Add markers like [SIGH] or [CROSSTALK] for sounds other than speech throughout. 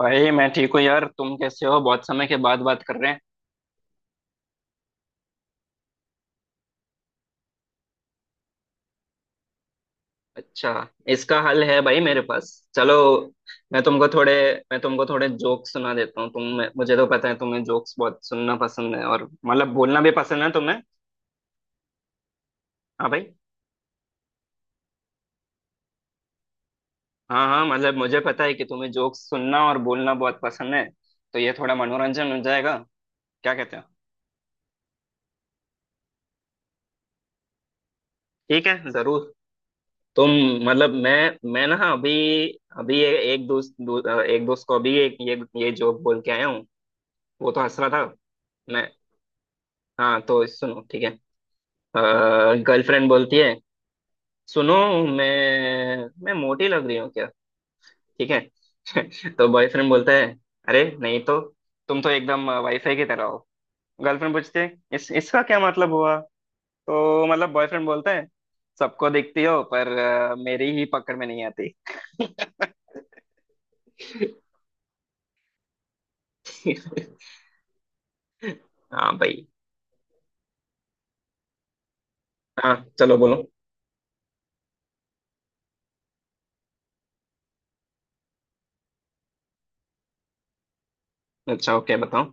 भाई, मैं ठीक हूँ यार। तुम कैसे हो? बहुत समय के बाद बात कर रहे हैं। अच्छा, इसका हल है भाई मेरे पास। चलो। मैं तुमको थोड़े मैं तुमको थोड़े जोक्स सुना देता हूँ। तुम मुझे तो पता है तुम्हें जोक्स बहुत सुनना पसंद है, और मतलब बोलना भी पसंद है तुम्हें। हाँ भाई। हाँ हाँ, मतलब मुझे पता है कि तुम्हें जोक्स सुनना और बोलना बहुत पसंद है। तो ये थोड़ा मनोरंजन हो जाएगा। क्या कहते हो? ठीक है, जरूर। तुम मतलब मैं ना अभी अभी एक दोस्त को अभी एक ये जोक बोल के आया हूँ। वो तो हंस रहा था। मैं हाँ तो सुनो ठीक है। गर्लफ्रेंड बोलती है, सुनो, मैं मोटी लग रही हूँ क्या? ठीक है। [LAUGHS] तो बॉयफ्रेंड बोलता है, अरे नहीं तो, तुम तो एकदम वाईफाई की तरह हो। गर्लफ्रेंड पूछती है, इस इसका क्या मतलब हुआ? तो मतलब बॉयफ्रेंड बोलता है, सबको दिखती हो, पर मेरी ही पकड़ में नहीं आती। [LAUGHS] हाँ भाई। हाँ, चलो बोलो। अच्छा, ओके बताओ।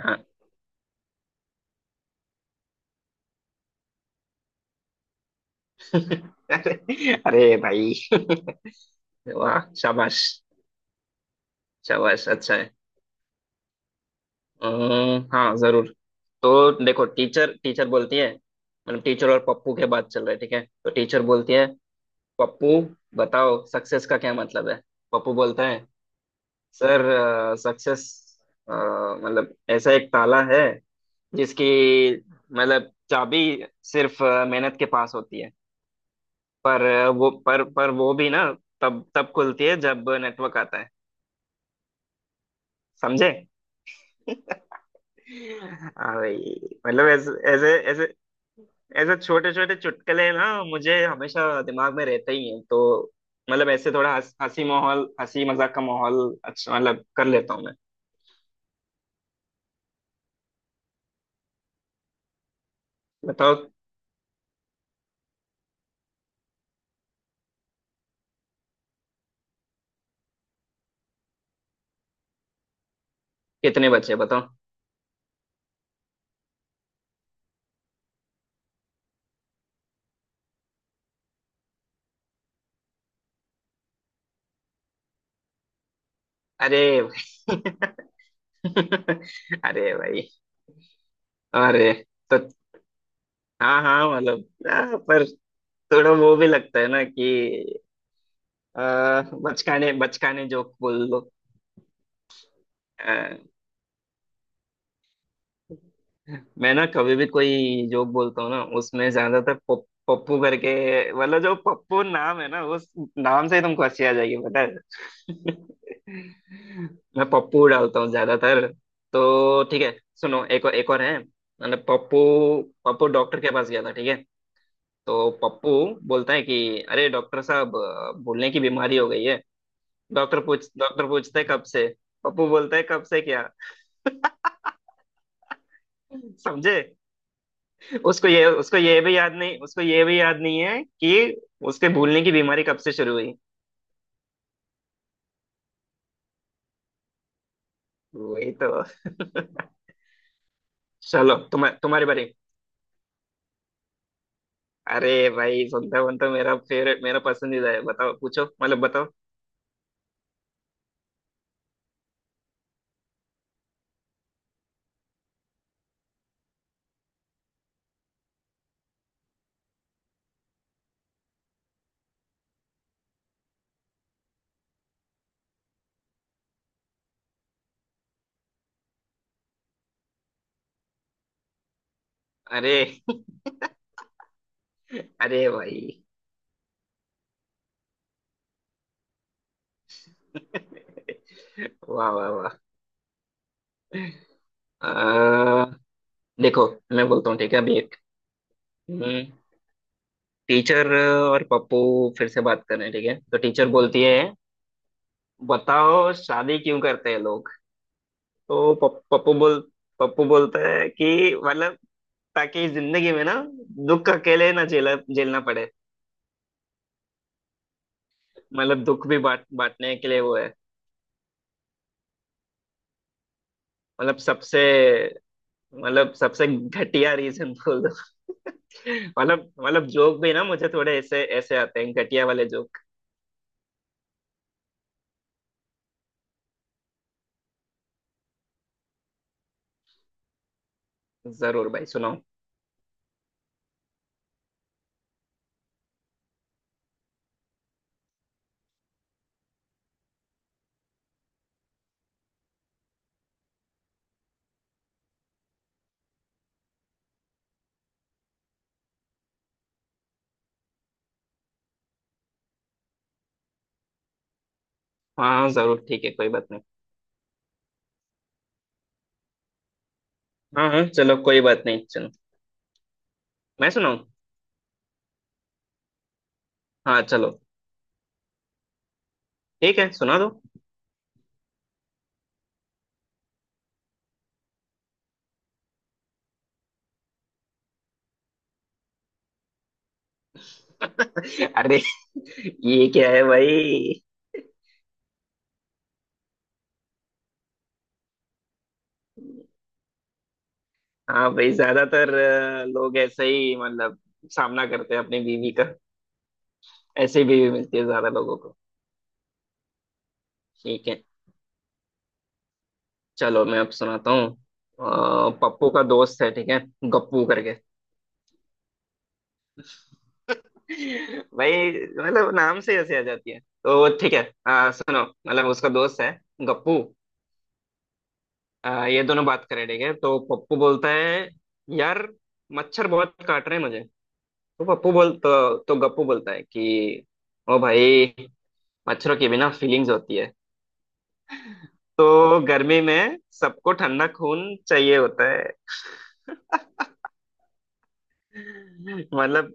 हाँ। [LAUGHS] अरे। अरे भाई। [LAUGHS] वाह शाबाश। अच्छा, वैसे अच्छा है। हाँ जरूर। तो देखो, टीचर टीचर बोलती है, मतलब टीचर और पप्पू के बात चल रही है ठीक है, तो टीचर बोलती है, पप्पू, बताओ सक्सेस का क्या मतलब है? पप्पू बोलता है, सर, सक्सेस मतलब ऐसा एक ताला है जिसकी मतलब चाबी सिर्फ मेहनत के पास होती है। पर वो पर वो भी ना तब तब खुलती है जब नेटवर्क आता है। समझे? [LAUGHS] हाँ भाई। मतलब ऐसे ऐसे छोटे छोटे चुटकुले ना मुझे हमेशा दिमाग में रहते ही हैं तो मतलब ऐसे थोड़ा हंसी मजाक का माहौल अच्छा मतलब कर लेता हूँ मैं। बताओ कितने बचे बताओ? अरे भाई। [LAUGHS] अरे भाई। अरे। तो, हाँ हाँ मतलब पर थोड़ा वो भी लगता है ना कि बचकाने बचकाने जोक बोल दो। मैं ना कभी भी कोई जोक बोलता हूँ ना उसमें ज्यादातर पप्पू करके, मतलब जो पप्पू नाम है ना उस नाम से ही तुमको हंसी आ जाएगी, पता है? [LAUGHS] मैं पप्पू डालता हूँ ज्यादातर। तो ठीक है सुनो, एक और है मतलब पप्पू, पप्पू डॉक्टर के पास गया था ठीक है। तो पप्पू बोलता है कि अरे डॉक्टर साहब, भूलने की बीमारी हो गई है। डॉक्टर पूछते है कब से? पप्पू बोलता है कब से क्या? समझे? उसको ये भी याद नहीं है कि उसके भूलने की बीमारी कब से शुरू हुई। वही तो। [LAUGHS] चलो तुम्हारे तुम्हारे बारे में। अरे भाई, सुनता वन तो मेरा फेवरेट, मेरा पसंदीदा है, बताओ पूछो मतलब बताओ। अरे। [LAUGHS] अरे भाई। [LAUGHS] वाह वाह वाह। अ, देखो, मैं बोलता हूँ ठीक है अभी एक। हम्म, टीचर और पप्पू फिर से बात कर रहे हैं ठीक है, तो टीचर बोलती है, बताओ शादी क्यों करते हैं लोग? तो पप्पू बोलते हैं कि मतलब ताकि इस जिंदगी में ना दुख अकेले ना झेला झेलना पड़े। मतलब दुख भी बांटने के लिए वो है। मतलब सबसे मतलब सबसे घटिया रीजन बोल दो। [LAUGHS] मतलब जोक भी ना मुझे थोड़े ऐसे ऐसे आते हैं घटिया वाले जोक। जरूर भाई सुनाओ। हाँ हाँ जरूर, ठीक है कोई बात नहीं। हाँ हाँ चलो कोई बात नहीं सुनो। मैं सुनाऊं। हाँ चलो। ठीक है सुना दो। [LAUGHS] अरे, ये क्या है भाई? हाँ भाई, ज्यादातर लोग ऐसे ही मतलब सामना करते हैं अपनी बीवी का। ऐसे ही बीवी मिलती है ज्यादा लोगों को। ठीक है। चलो मैं अब सुनाता हूँ, पप्पू का दोस्त है ठीक है, गप्पू करके। भाई, मतलब नाम से ऐसे आ जाती है तो ठीक है। सुनो, मतलब उसका दोस्त है गप्पू। ये दोनों बात करें ठीक है, तो पप्पू बोलता है, यार मच्छर बहुत काट रहे हैं मुझे। तो पप्पू बोल तो गप्पू बोलता है कि ओ भाई, मच्छरों की भी ना फीलिंग्स होती है, तो गर्मी में सबको ठंडा खून चाहिए होता है। मतलब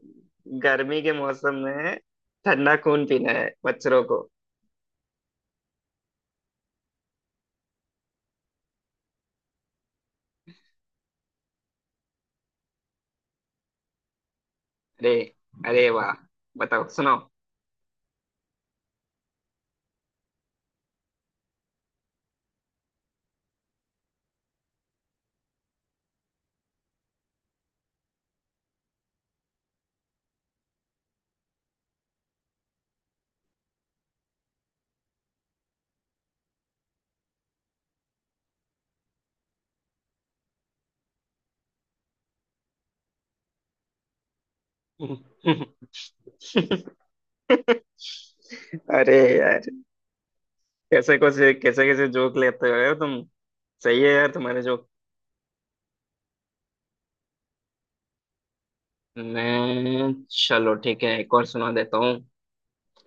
गर्मी के मौसम में ठंडा खून पीना है बच्चों को। अरे, अरे वाह। बताओ सुनो। अरे यार, कैसे कैसे जोक लेते हो तुम। सही है यार तुम्हारे जोक। मैं चलो ठीक है एक और सुना देता हूँ।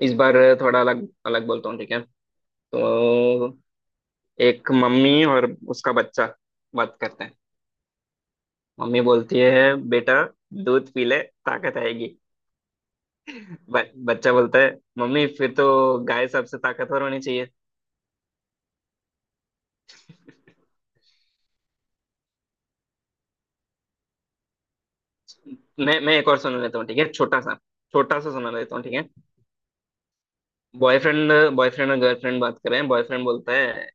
इस बार थोड़ा अलग अलग बोलता हूँ ठीक है। तो एक मम्मी और उसका बच्चा बात करते हैं। मम्मी बोलती है, बेटा दूध पी ले, ताकत आएगी। ब, बच्चा बोलता है, मम्मी फिर तो गाय सबसे ताकतवर होनी चाहिए। मैं एक और सुना लेता हूँ ठीक है, छोटा सा। छोटा सा सुना लेता हूँ ठीक है। बॉयफ्रेंड बॉयफ्रेंड और गर्लफ्रेंड बात कर रहे हैं, बॉयफ्रेंड बोलता है,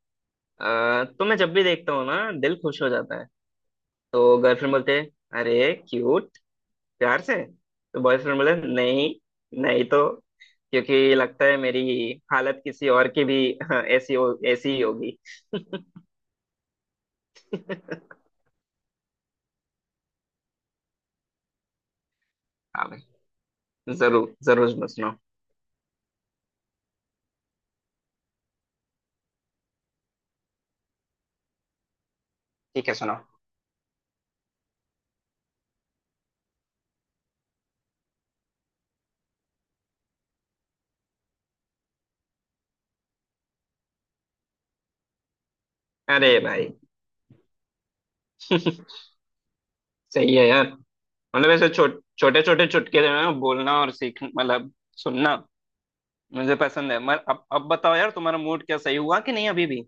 तुम्हें जब भी देखता हूँ ना दिल खुश हो जाता है। तो गर्लफ्रेंड बोलते है, अरे क्यूट, प्यार से तो बॉयफ्रेंड बोले, नहीं नहीं तो, क्योंकि लगता है मेरी हालत किसी और की भी [LAUGHS] ऐसी ही होगी। [LAUGHS] हाँ भाई। जरूर जरूर, सुनो सुनो। ठीक है सुनाओ। अरे भाई। [LAUGHS] सही है यार। मतलब ऐसे छोटे छोटे चुटकुले में बोलना और सीख मतलब सुनना मुझे पसंद है। मगर अब बताओ यार, तुम्हारा मूड क्या सही हुआ कि नहीं अभी भी?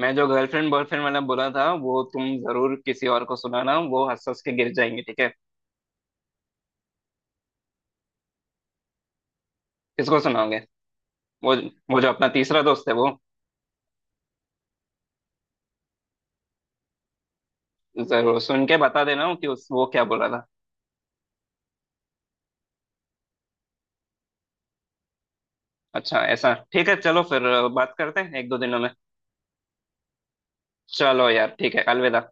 मैं जो गर्लफ्रेंड बॉयफ्रेंड वाला बोला था वो तुम जरूर किसी और को सुनाना, वो हंस हंस के गिर जाएंगे ठीक है। किसको सुनाओगे? वो वो जो अपना तीसरा दोस्त है वो। जरूर सुन के बता देना कि उस वो क्या बोला था। अच्छा ऐसा, ठीक है चलो फिर। बात करते हैं एक दो दिनों में। चलो यार ठीक है, अलविदा।